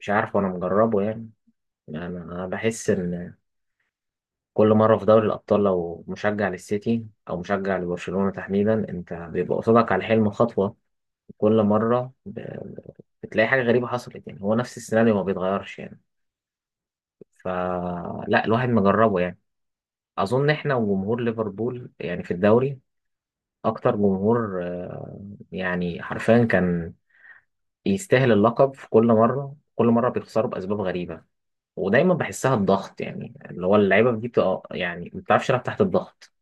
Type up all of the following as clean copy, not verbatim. مش عارف، وانا مجربه يعني انا بحس ان كل مره في دوري الابطال، لو مشجع للسيتي او مشجع لبرشلونه تحديدا، انت بيبقى قصادك على الحلم خطوه. كل مره بتلاقي حاجه غريبه حصلت، يعني هو نفس السيناريو ما بيتغيرش يعني. فلا الواحد مجربه يعني. اظن احنا وجمهور ليفربول، يعني في الدوري، اكتر جمهور، يعني حرفيا كان يستاهل اللقب. في كل مره كل مره بيخسروا باسباب غريبه، ودايما بحسها الضغط، يعني اللي هو اللعيبه دي بتبقى يعني ما بتعرفش تلعب تحت الضغط.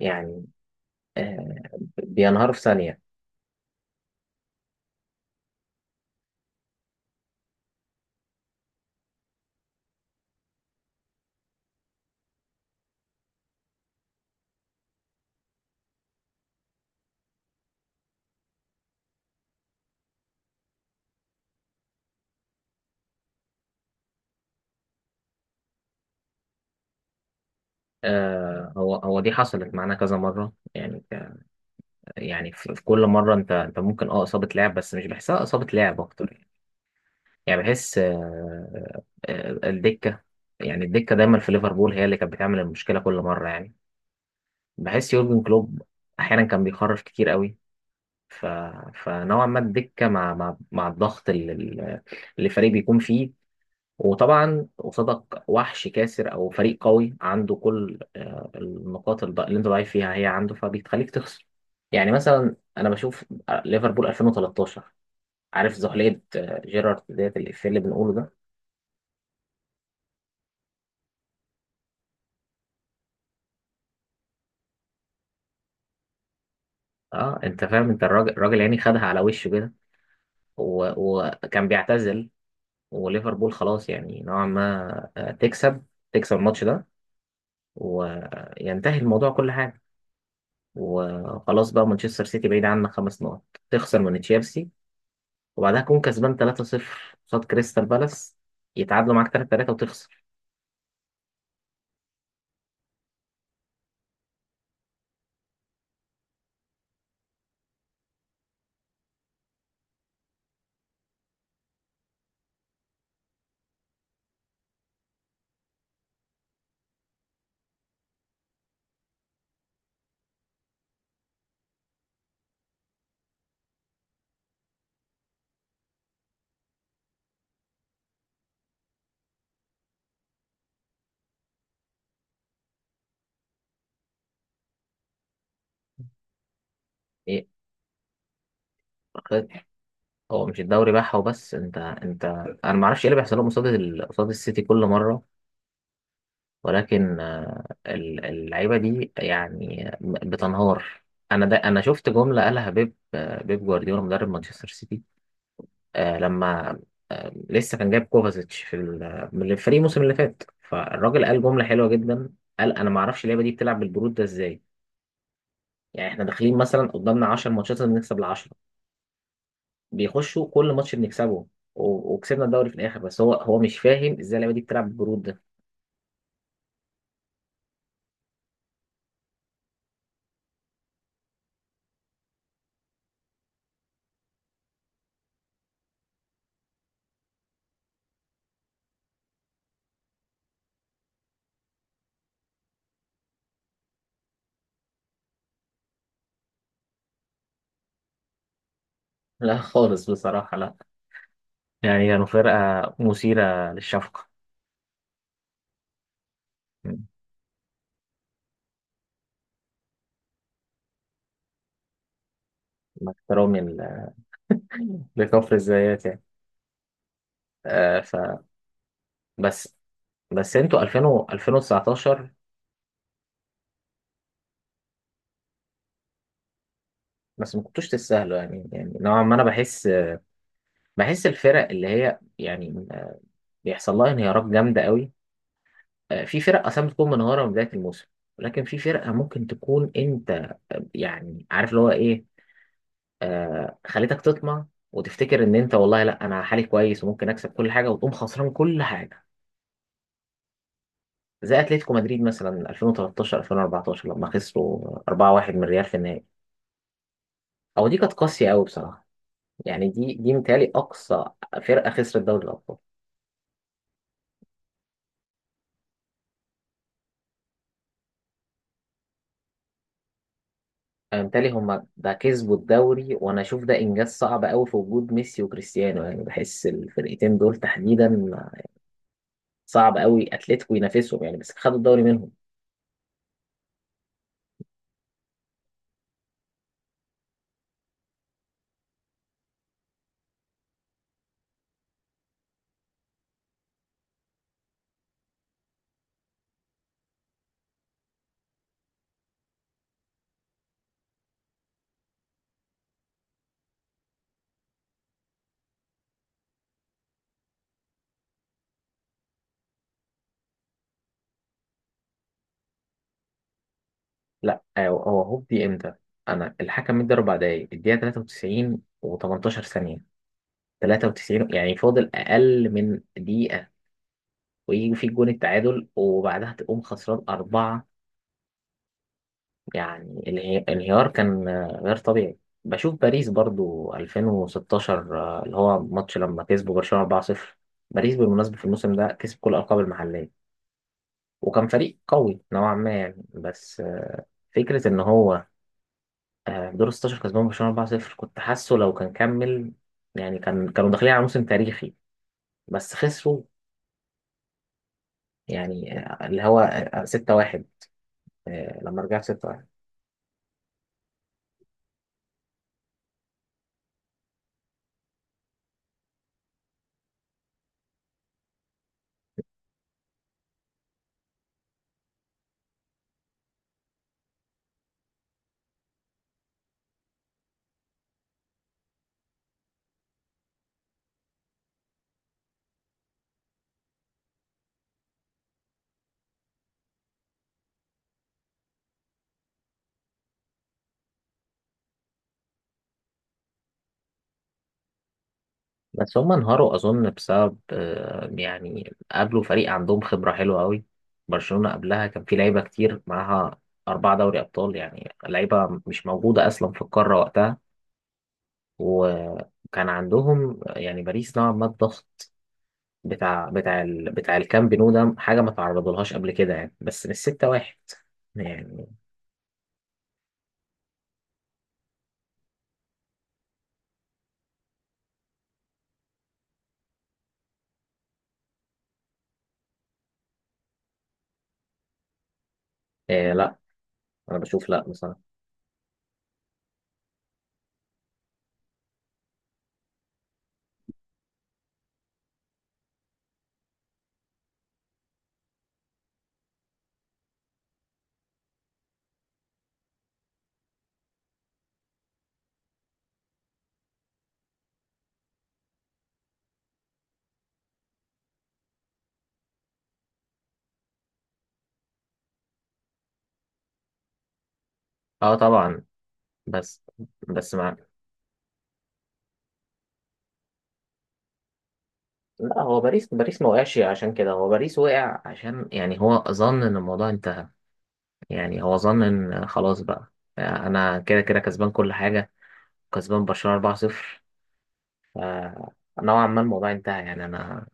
يعني آه بينهاروا في ثانيه. هو دي حصلت معانا كذا مره، يعني يعني في كل مره انت ممكن اصابه لعب، بس مش بحسها اصابه لعب اكتر يعني، يعني بحس الدكه. يعني الدكه دايما في ليفربول هي اللي كانت بتعمل المشكله كل مره يعني. بحس يورجن كلوب احيانا كان بيخرف كتير قوي. ف... فنوعا ما الدكه مع الضغط اللي الفريق بيكون فيه، وطبعا قصادك وحش كاسر او فريق قوي عنده كل النقاط، اللي انت ضعيف فيها هي عنده، فبيخليك تخسر. يعني مثلا انا بشوف، ليفربول 2013، عارف زحلية، جيرارد، ديت الإفيه اللي بنقوله ده. اه انت فاهم، انت الراجل الراجل يعني خدها على وشه كده، وكان بيعتزل، وليفربول خلاص يعني نوعا ما، تكسب الماتش ده، وينتهي الموضوع كل حاجة، وخلاص بقى مانشستر سيتي بعيد عنك خمس نقط، تخسر من تشيلسي، وبعدها تكون كسبان 3-0 قصاد كريستال بالاس، يتعادلوا معاك 3-3 وتخسر. ايه، هو مش الدوري بقى وبس. انت انا ما اعرفش ايه اللي بيحصل لهم قصاد قصاد السيتي كل مره، ولكن اللعيبه دي يعني بتنهار. انا ده، انا شفت جمله قالها بيب، بيب جوارديولا مدرب مانشستر سيتي، لما لسه كان جايب كوفازيتش في من الفريق الموسم اللي فات، فالراجل قال جمله حلوه جدا، قال انا ما اعرفش اللعيبه دي بتلعب بالبرود ده ازاي. يعني احنا داخلين مثلا قدامنا 10 ماتشات، لازم نكسب العشرة، بيخشوا كل ماتش بنكسبه، وكسبنا الدوري في الاخر، بس هو مش فاهم ازاي اللعيبه دي بتلعب بالجرود ده. لا خالص بصراحه، لا. يعني كانوا فرقه مثيره للشفقه، مع احترامي لكفر الزيات يعني. آه ف بس انتوا 2000 و 2019 بس ما كنتوش تستاهلوا يعني. يعني نوعا ما انا بحس، الفرق اللي هي يعني بيحصل لها انهيارات جامده قوي. في فرق اصلا بتكون منهارة من بداية الموسم، ولكن في فرقة ممكن تكون انت، يعني عارف اللي هو ايه، خليتك تطمع وتفتكر ان انت والله لا، انا حالي كويس وممكن اكسب كل حاجة، وتقوم خسران كل حاجة. زي اتلتيكو مدريد مثلا 2013 2014 لما خسروا 4-1 من ريال في النهائي، او دي كانت قاسية قوي بصراحة. يعني دي متهيألي اقصى فرقة خسرت دوري الابطال. أنا متهيألي هما ده كسبوا الدوري، وانا اشوف ده انجاز صعب قوي في وجود ميسي وكريستيانو. يعني بحس الفرقتين دول تحديدا صعب قوي اتلتيكو ينافسهم يعني، بس خدوا الدوري منهم. لا، هو هوبي امتى؟ انا الحكم مدى اربع دقايق، الدقيقه 93 و18 ثانيه. 93 يعني فاضل اقل من دقيقه، ويجي في جون التعادل، وبعدها تقوم خسران اربعه. يعني الانهيار كان، غير طبيعي. بشوف باريس برضو 2016، اللي هو ماتش لما كسبوا برشلونه 4-0. باريس بالمناسبه في الموسم ده كسب كل الالقاب المحليه، وكان فريق قوي نوعا ما يعني، بس فكره ان هو، دور 16 كسبان برشلونة 4-0، كنت حاسه لو كان كمل يعني كان كانوا داخلين على موسم تاريخي، بس خسروا يعني، اللي هو 6-1، لما رجع 6-1. بس هم انهاروا أظن بسبب، يعني قابلوا فريق عندهم خبرة حلوة قوي. برشلونة قبلها كان في لعيبة كتير معاها، أربعة دوري أبطال، يعني لعيبة مش موجودة أصلا في القارة وقتها، وكان عندهم يعني باريس نوعا ما الضغط بتاع بتاع الكامب نو، ده حاجه ما تعرضلهاش قبل كده يعني، بس مش ستة واحد يعني. إيه لا، انا بشوف لا بصراحه. اه طبعا، بس مع، لا. هو باريس ما وقعش عشان كده، هو باريس وقع عشان يعني هو ظن ان الموضوع انتهى، يعني هو ظن ان خلاص بقى انا كده كده كسبان كل حاجه، كسبان برشلونه 4-0، فنوعا ما الموضوع انتهى. يعني انا،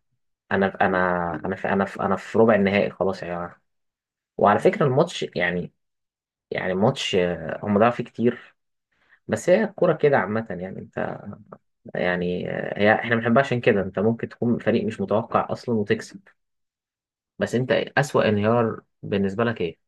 أنا في ربع النهائي خلاص يا يعني جماعه. وعلى فكره الماتش يعني، يعني ماتش، هم ضاعوا فيه كتير، بس هي الكورة كده عامة يعني. انت يعني، هي احنا بنحبها عشان كده، انت ممكن تكون فريق مش متوقع اصلا وتكسب. بس انت اسوأ انهيار بالنسبة لك ايه؟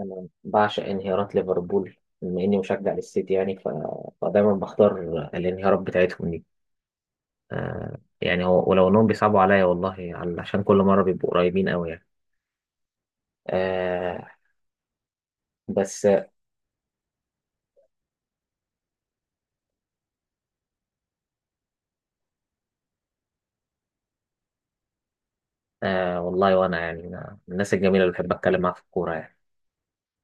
انا بعشق انهيارات ليفربول، بما اني مشجع للسيتي يعني. فدايما بختار الانهيارات بتاعتهم دي. آه يعني هو، ولو انهم بيصعبوا عليا والله، عشان كل مرة بيبقوا قريبين قوي يعني. آه، بس، آه والله، وانا يعني أنا من الناس الجميلة اللي بحب اتكلم معاها في الكورة يعني.